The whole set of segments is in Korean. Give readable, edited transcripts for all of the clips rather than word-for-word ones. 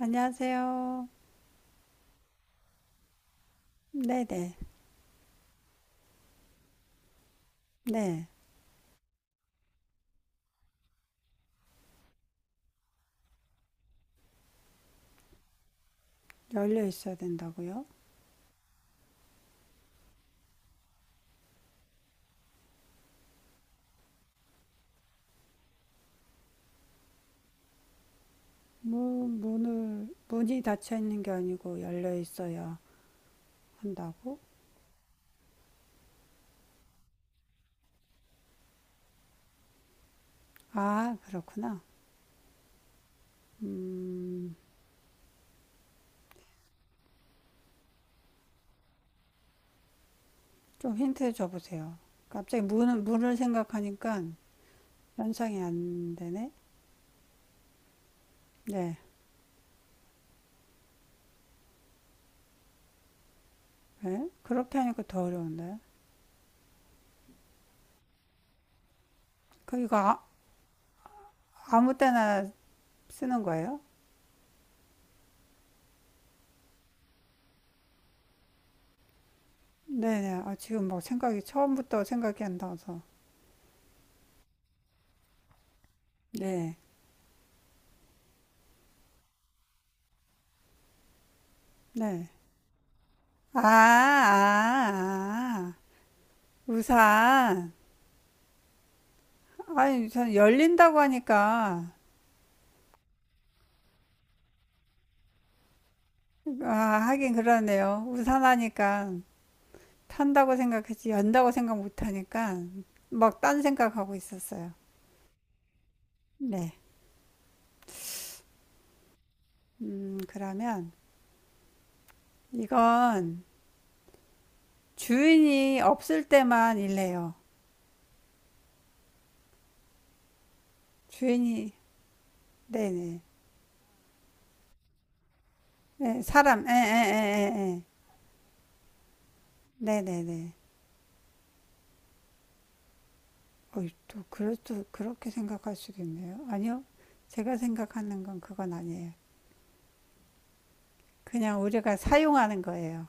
안녕하세요. 네네. 네. 열려 있어야 된다고요? 문이 닫혀 있는 게 아니고 열려 있어야 한다고? 아, 그렇구나. 음, 좀 힌트 줘보세요. 갑자기 문을 생각하니까 연상이 안 되네? 네. 네? 그렇게 하니까 더 어려운데. 그, 이거 아, 아무 때나 쓰는 거예요? 네네. 아, 지금 막 처음부터 생각이 안 나서. 네. 네. 아, 아, 아. 우산. 아니, 우산 열린다고 하니까. 아, 하긴 그러네요. 우산 하니까 탄다고 생각했지, 연다고 생각 못 하니까 막 딴 생각하고 있었어요. 네. 그러면 이건 주인이 없을 때만 일래요. 주인이, 네네. 네, 사람, 에, 에, 에, 에, 에. 네네네. 어이, 또 그래도 그렇게 생각할 수도 있네요. 아니요, 제가 생각하는 건 그건 아니에요. 그냥 우리가 사용하는 거예요.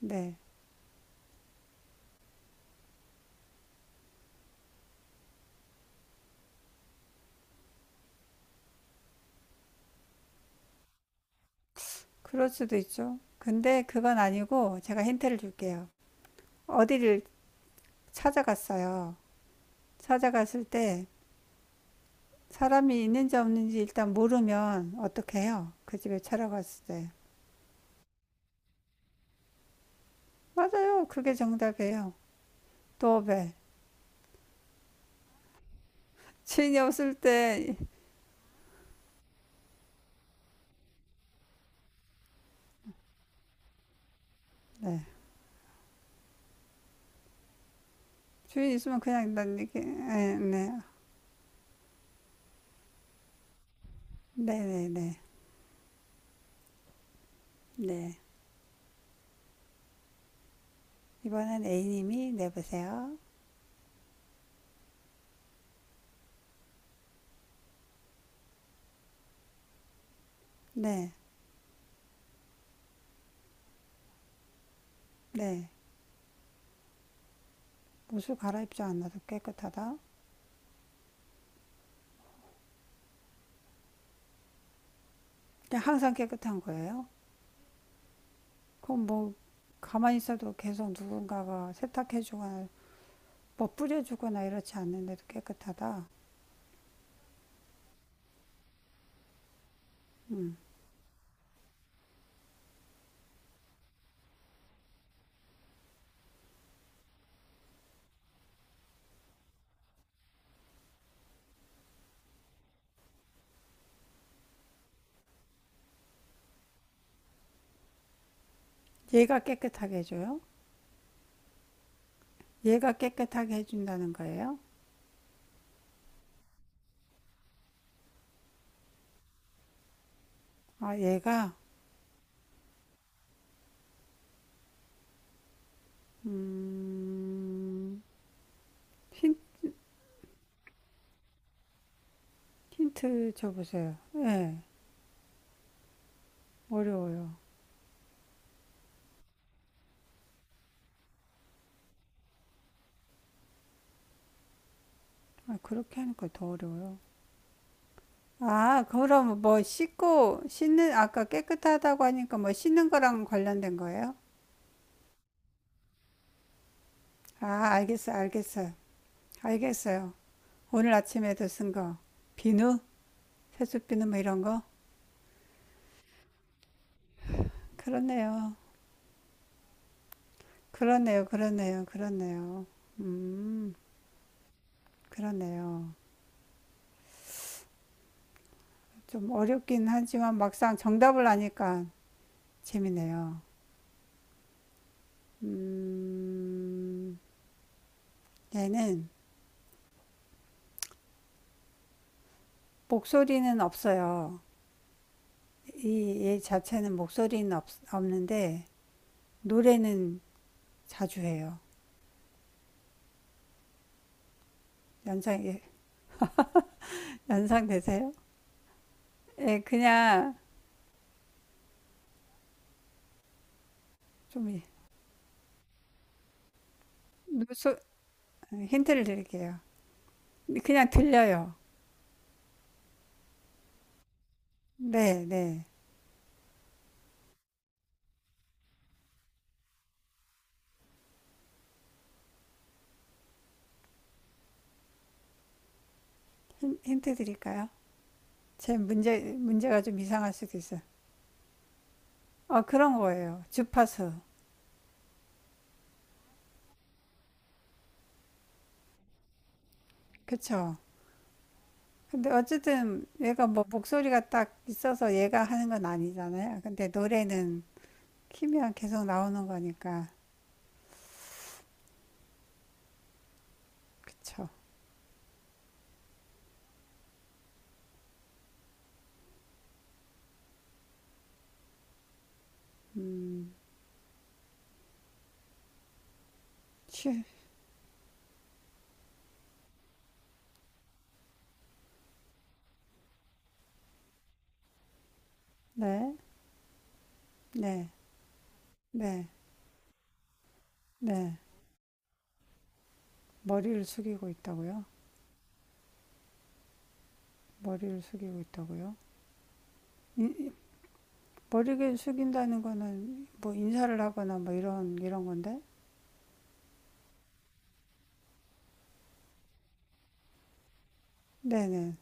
네, 그럴 수도 있죠. 근데 그건 아니고 제가 힌트를 줄게요. 어디를 찾아갔어요. 찾아갔을 때 사람이 있는지 없는지 일단 모르면 어떻게 해요? 그 집에 찾아갔을 때. 맞아요. 그게 정답이에요. 도어벨. 주인이 없을 때, 네. 주인 이 있으면 그냥 난 이렇게, 네, 네, 네, 네, 네. 네. 이번엔 A님이 내보세요. 네, 네. 옷을 갈아입지 않아도 깨끗하다. 그냥 항상 깨끗한 거예요. 그럼 뭐 가만히 있어도 계속 누군가가 세탁해주거나 뭐 뿌려주거나 이렇지 않는데도 깨끗하다. 음. 얘가 깨끗하게 해줘요? 얘가 깨끗하게 해준다는 거예요? 아, 얘가 음, 힌, 힌트 줘보세요. 예, 네, 어려워요. 아, 그렇게 하니까 더 어려워요. 아, 그럼 뭐 씻고 씻는 아까 깨끗하다고 하니까 뭐 씻는 거랑 관련된 거예요? 아, 알겠어요. 오늘 아침에도 쓴 거, 비누, 세숫비누 뭐 이런 거, 그렇네요, 그렇네요. 음, 그렇네요. 좀 어렵긴 하지만 막상 정답을 아니까 재밌네요. 음, 얘는 목소리는 없어요. 얘 자체는 없는데 노래는 자주 해요. 연상, 예, 연상되세요? 예, 그냥 좀 노소, 힌트를 드릴게요. 그냥 들려요. 네, 네. 힌트 드릴까요? 문제가 좀 이상할 수도 있어요. 어, 그런 거예요. 주파수. 그쵸? 근데 어쨌든 얘가 뭐 목소리가 딱 있어서 얘가 하는 건 아니잖아요. 근데 노래는 키면 계속 나오는 거니까. 그쵸? 음, 쉬, 네, 네, 네, 네. 머리를 숙이고 있다고요? 머리를 숙이고 있다고요? 이- 머리를 숙인다는 거는 뭐 인사를 하거나 뭐 이런 건데? 네네.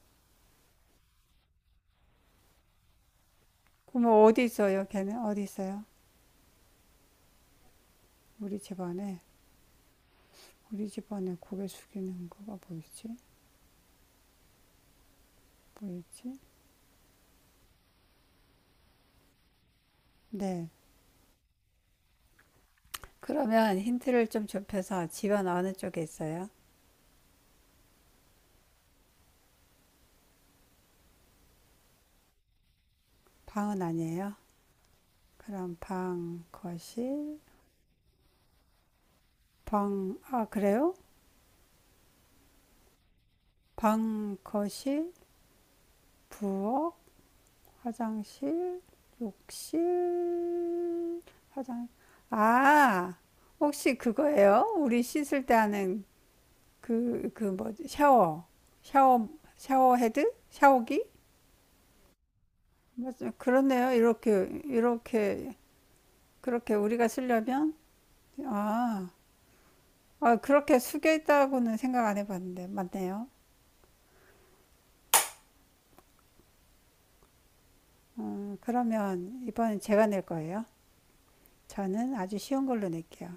그럼 뭐 어디 있어요? 걔는 어디 있어요? 우리 집안에 우리 집안에 고개 숙이는 거가 뭐 있지? 보이지 네. 그러면 힌트를 좀 좁혀서 집안 어느 쪽에 있어요? 방은 아니에요? 그럼 방, 거실, 방, 아, 그래요? 방, 거실, 부엌, 화장실, 욕실, 화장. 아, 혹시 그거예요? 우리 씻을 때 하는 그 뭐지? 샤워. 샤워, 샤워 헤드? 샤워기? 맞아요. 그렇네요. 이렇게, 그렇게 우리가 쓰려면? 아, 아, 그렇게 숙여 있다고는 생각 안 해봤는데. 맞네요. 그러면 이번엔 제가 낼 거예요. 저는 아주 쉬운 걸로 낼게요.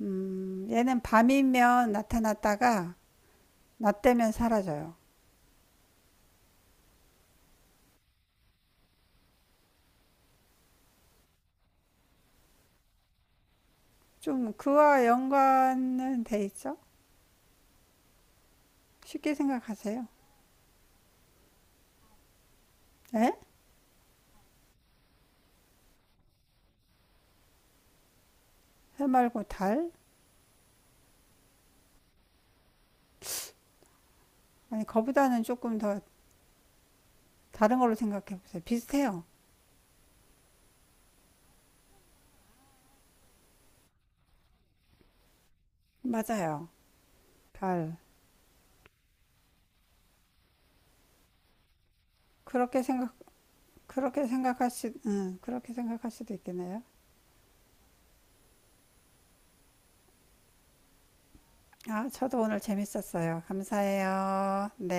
얘는 밤이면 나타났다가 나 때문에 사라져요. 좀 그와 연관은 돼 있죠? 쉽게 생각하세요. 에? 해 말고 달? 아니, 거보다는 조금 더 다른 걸로 생각해 보세요. 비슷해요. 맞아요. 달. 그렇게 생각, 그렇게 생각할 수, 그렇게 생각할 수도 있겠네요. 아, 저도 오늘 재밌었어요. 감사해요. 네.